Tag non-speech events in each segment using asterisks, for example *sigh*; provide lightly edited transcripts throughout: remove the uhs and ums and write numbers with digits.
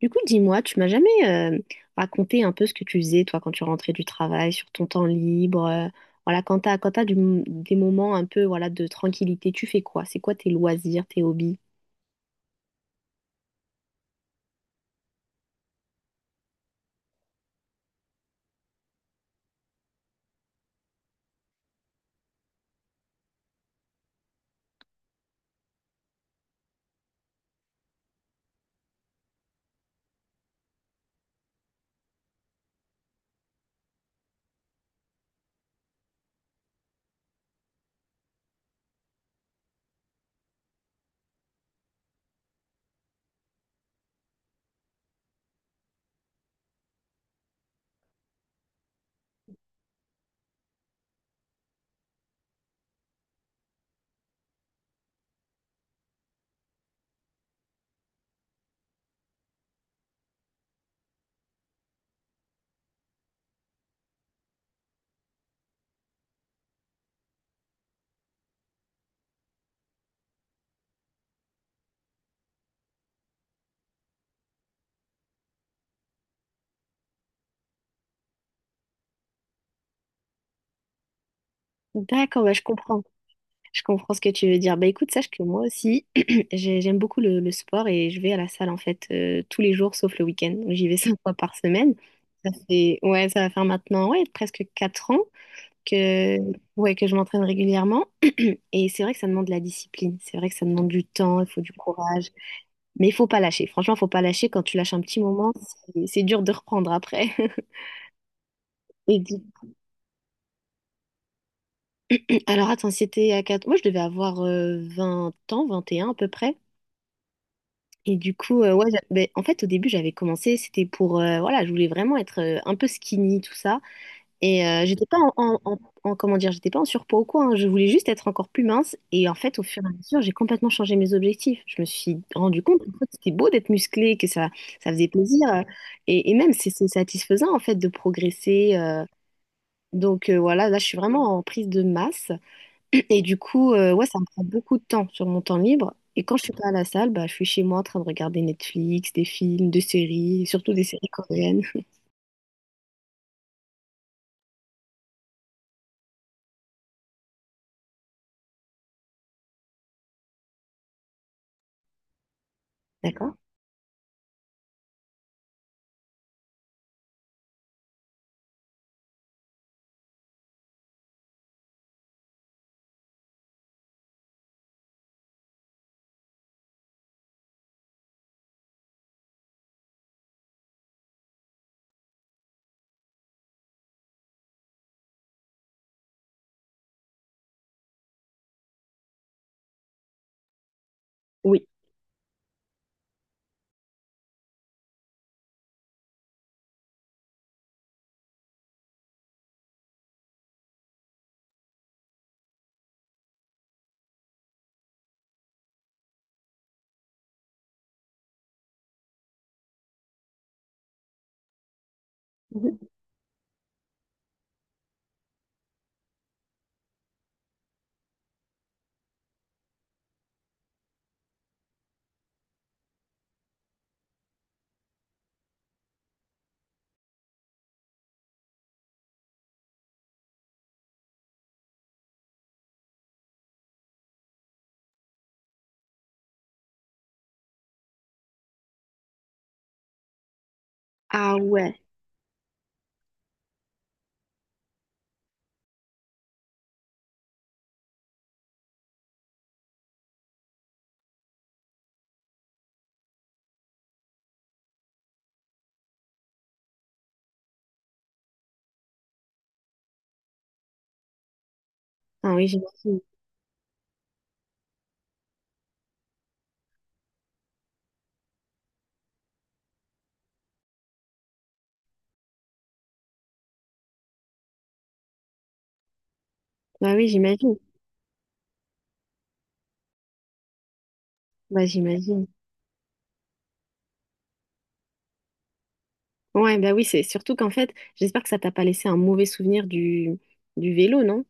Du coup, dis-moi, tu m'as jamais raconté un peu ce que tu faisais, toi, quand tu rentrais du travail, sur ton temps libre, voilà, quand t'as des moments un peu, voilà, de tranquillité, tu fais quoi? C'est quoi tes loisirs, tes hobbies? D'accord, bah, je comprends. Je comprends ce que tu veux dire. Bah écoute, sache que moi aussi, *clears throat* j'aime beaucoup le sport et je vais à la salle en fait tous les jours sauf le week-end. Donc, j'y vais *laughs* cinq fois par semaine. Ça fait, ouais, ça va faire maintenant ouais, presque quatre ans que, ouais, que je m'entraîne régulièrement. Et c'est vrai que ça demande de la discipline, c'est vrai que ça demande du temps, il faut du courage, mais il faut pas lâcher. Franchement, il faut pas lâcher. Quand tu lâches un petit moment, c'est dur de reprendre après. *laughs* Et alors attends, si c'était à 4. Moi, je devais avoir 20 ans, 21 à peu près. Et du coup, ouais, ben, en fait, au début, j'avais commencé, c'était pour, voilà, je voulais vraiment être un peu skinny, tout ça. Et j'étais pas comment dire, j'étais pas en surpoids ou quoi, hein. Je voulais juste être encore plus mince. Et en fait, au fur et à mesure, j'ai complètement changé mes objectifs. Je me suis rendu compte que c'était beau d'être musclé, que ça faisait plaisir. Et même, c'est satisfaisant en fait de progresser. Donc voilà, là, je suis vraiment en prise de masse. Et du coup, ouais, ça me prend beaucoup de temps sur mon temps libre. Et quand je suis pas à la salle, bah, je suis chez moi en train de regarder Netflix, des films, des séries, surtout des séries coréennes. D'accord? Oui. Mhm. Ah ouais. Ah oui, j'imagine. Bah oui, j'imagine. Bah j'imagine. Ouais, bah oui, c'est surtout qu'en fait, j'espère que ça t'a pas laissé un mauvais souvenir du vélo, non?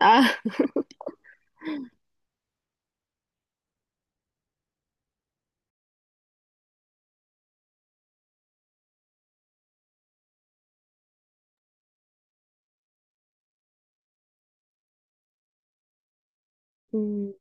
Ah! Mhm.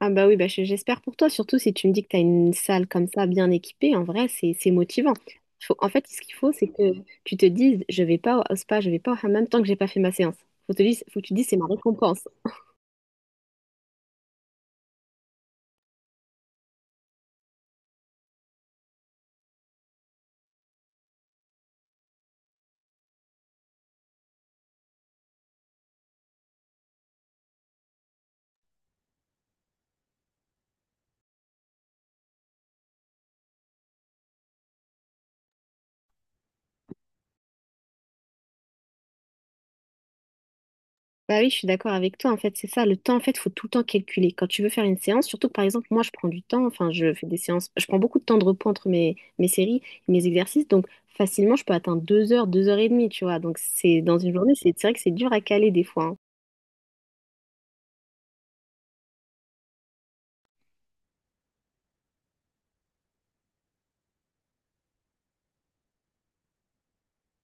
Ah bah oui, j'espère pour toi, surtout si tu me dis que tu as une salle comme ça bien équipée, en vrai, c'est motivant. En fait, ce qu'il faut, c'est que tu te dises, je vais pas au spa, je vais pas au hammam tant que j'ai pas fait ma séance. Faut que tu te dises, c'est ma récompense. Bah oui, je suis d'accord avec toi. En fait, c'est ça. Le temps, en fait, faut tout le temps calculer. Quand tu veux faire une séance, surtout que par exemple, moi, je prends du temps. Enfin, je fais des séances. Je prends beaucoup de temps de repos entre mes séries et mes exercices. Donc, facilement, je peux atteindre deux heures et demie, tu vois. Donc, c'est dans une journée, c'est vrai que c'est dur à caler des fois, hein.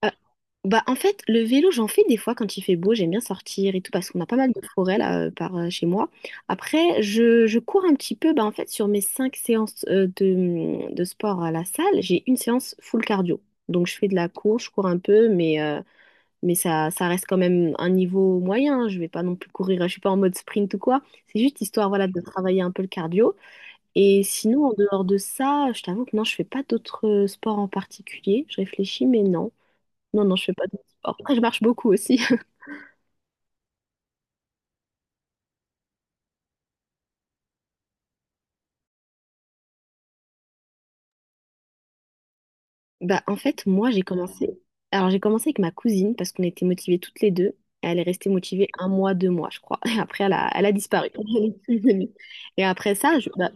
Euh, bah, en fait, le vélo, j'en fais des fois quand il fait beau, j'aime bien sortir et tout, parce qu'on a pas mal de forêts là, par, chez moi. Après, je cours un petit peu, bah, en fait, sur mes cinq séances de sport à la salle, j'ai une séance full cardio. Donc, je fais de la course, je cours un peu, mais, ça, ça reste quand même un niveau moyen, hein. Je vais pas non plus courir, je suis pas en mode sprint ou quoi. C'est juste histoire, voilà, de travailler un peu le cardio. Et sinon, en dehors de ça, je t'avoue que non, je fais pas d'autres sports en particulier. Je réfléchis, mais non. Non, non, je fais pas de sport. Après, je marche beaucoup aussi. *laughs* Bah, en fait, moi, j'ai commencé. Alors, j'ai commencé avec ma cousine parce qu'on était motivées toutes les deux. Elle est restée motivée un mois, deux mois, je crois. *laughs* Et après, elle a disparu. *laughs* Elle est plus venue. Et après ça,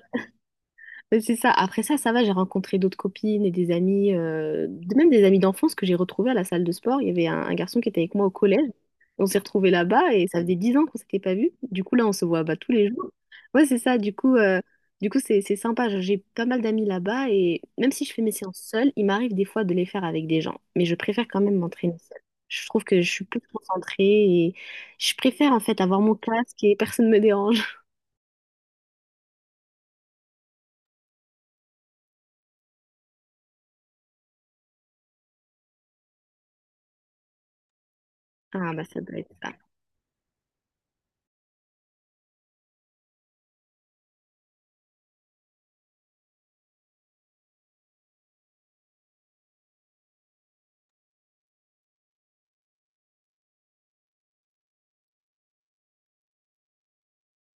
mais c'est ça. Après ça, ça va, j'ai rencontré d'autres copines et des amis, même des amis d'enfance que j'ai retrouvés à la salle de sport. Il y avait un garçon qui était avec moi au collège. On s'est retrouvés là-bas et ça faisait dix ans qu'on s'était pas vus. Du coup, là, on se voit bah, tous les jours. Ouais, c'est ça. Du coup, c'est sympa. Genre, j'ai pas mal d'amis là-bas et même si je fais mes séances seule, il m'arrive des fois de les faire avec des gens. Mais je préfère quand même m'entraîner seule. Je trouve que je suis plus concentrée et je préfère en fait avoir mon casque et personne ne me dérange. Ah bah ça doit être ça.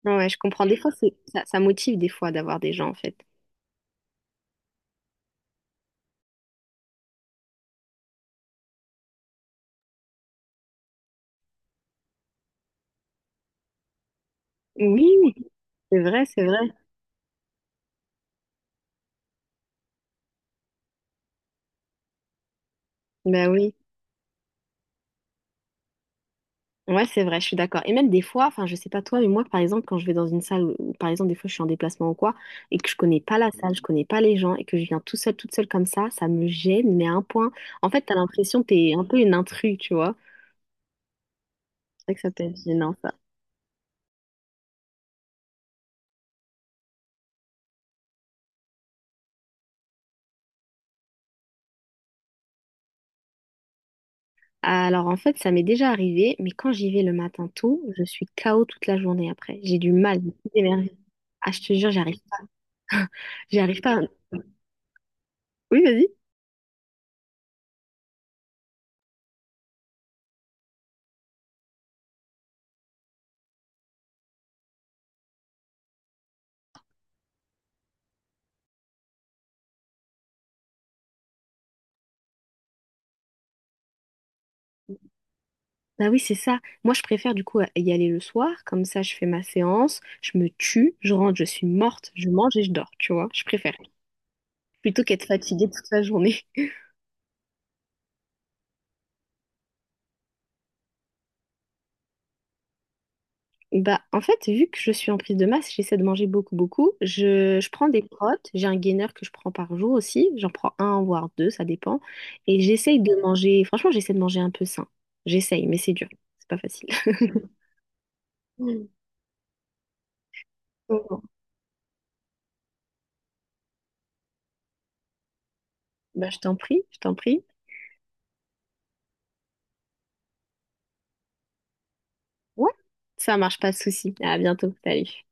Ouais, je comprends. Des fois, ça motive des fois d'avoir des gens, en fait. Oui, c'est vrai, c'est vrai. Ben oui. Ouais, c'est vrai, je suis d'accord. Et même des fois, enfin, je sais pas toi, mais moi, par exemple, quand je vais dans une salle, où, par exemple, des fois, je suis en déplacement ou quoi, et que je connais pas la salle, je connais pas les gens, et que je viens tout seul, toute seule comme ça me gêne, mais à un point. En fait, t'as l'impression que t'es un peu une intrus, tu vois. C'est vrai que ça peut être gênant, ça. Alors, en fait, ça m'est déjà arrivé, mais quand j'y vais le matin tôt, je suis KO toute la journée après. J'ai du mal, j'ai des énergies. Ah, je te jure, j'arrive pas. J'arrive pas. Oui, vas-y. Bah oui, c'est ça. Moi, je préfère du coup y aller le soir, comme ça je fais ma séance, je me tue, je rentre, je suis morte, je mange et je dors, tu vois. Je préfère, plutôt qu'être fatiguée toute la journée. *laughs* Bah en fait, vu que je suis en prise de masse, j'essaie de manger beaucoup, beaucoup. Je prends des protes, j'ai un gainer que je prends par jour aussi, j'en prends un, voire deux, ça dépend. Et j'essaye de manger, franchement, j'essaie de manger un peu sain. J'essaye, mais c'est dur, c'est pas facile. *laughs* Bon, bah je t'en prie, je t'en prie. Ouais, ça marche, pas de souci. À bientôt, salut.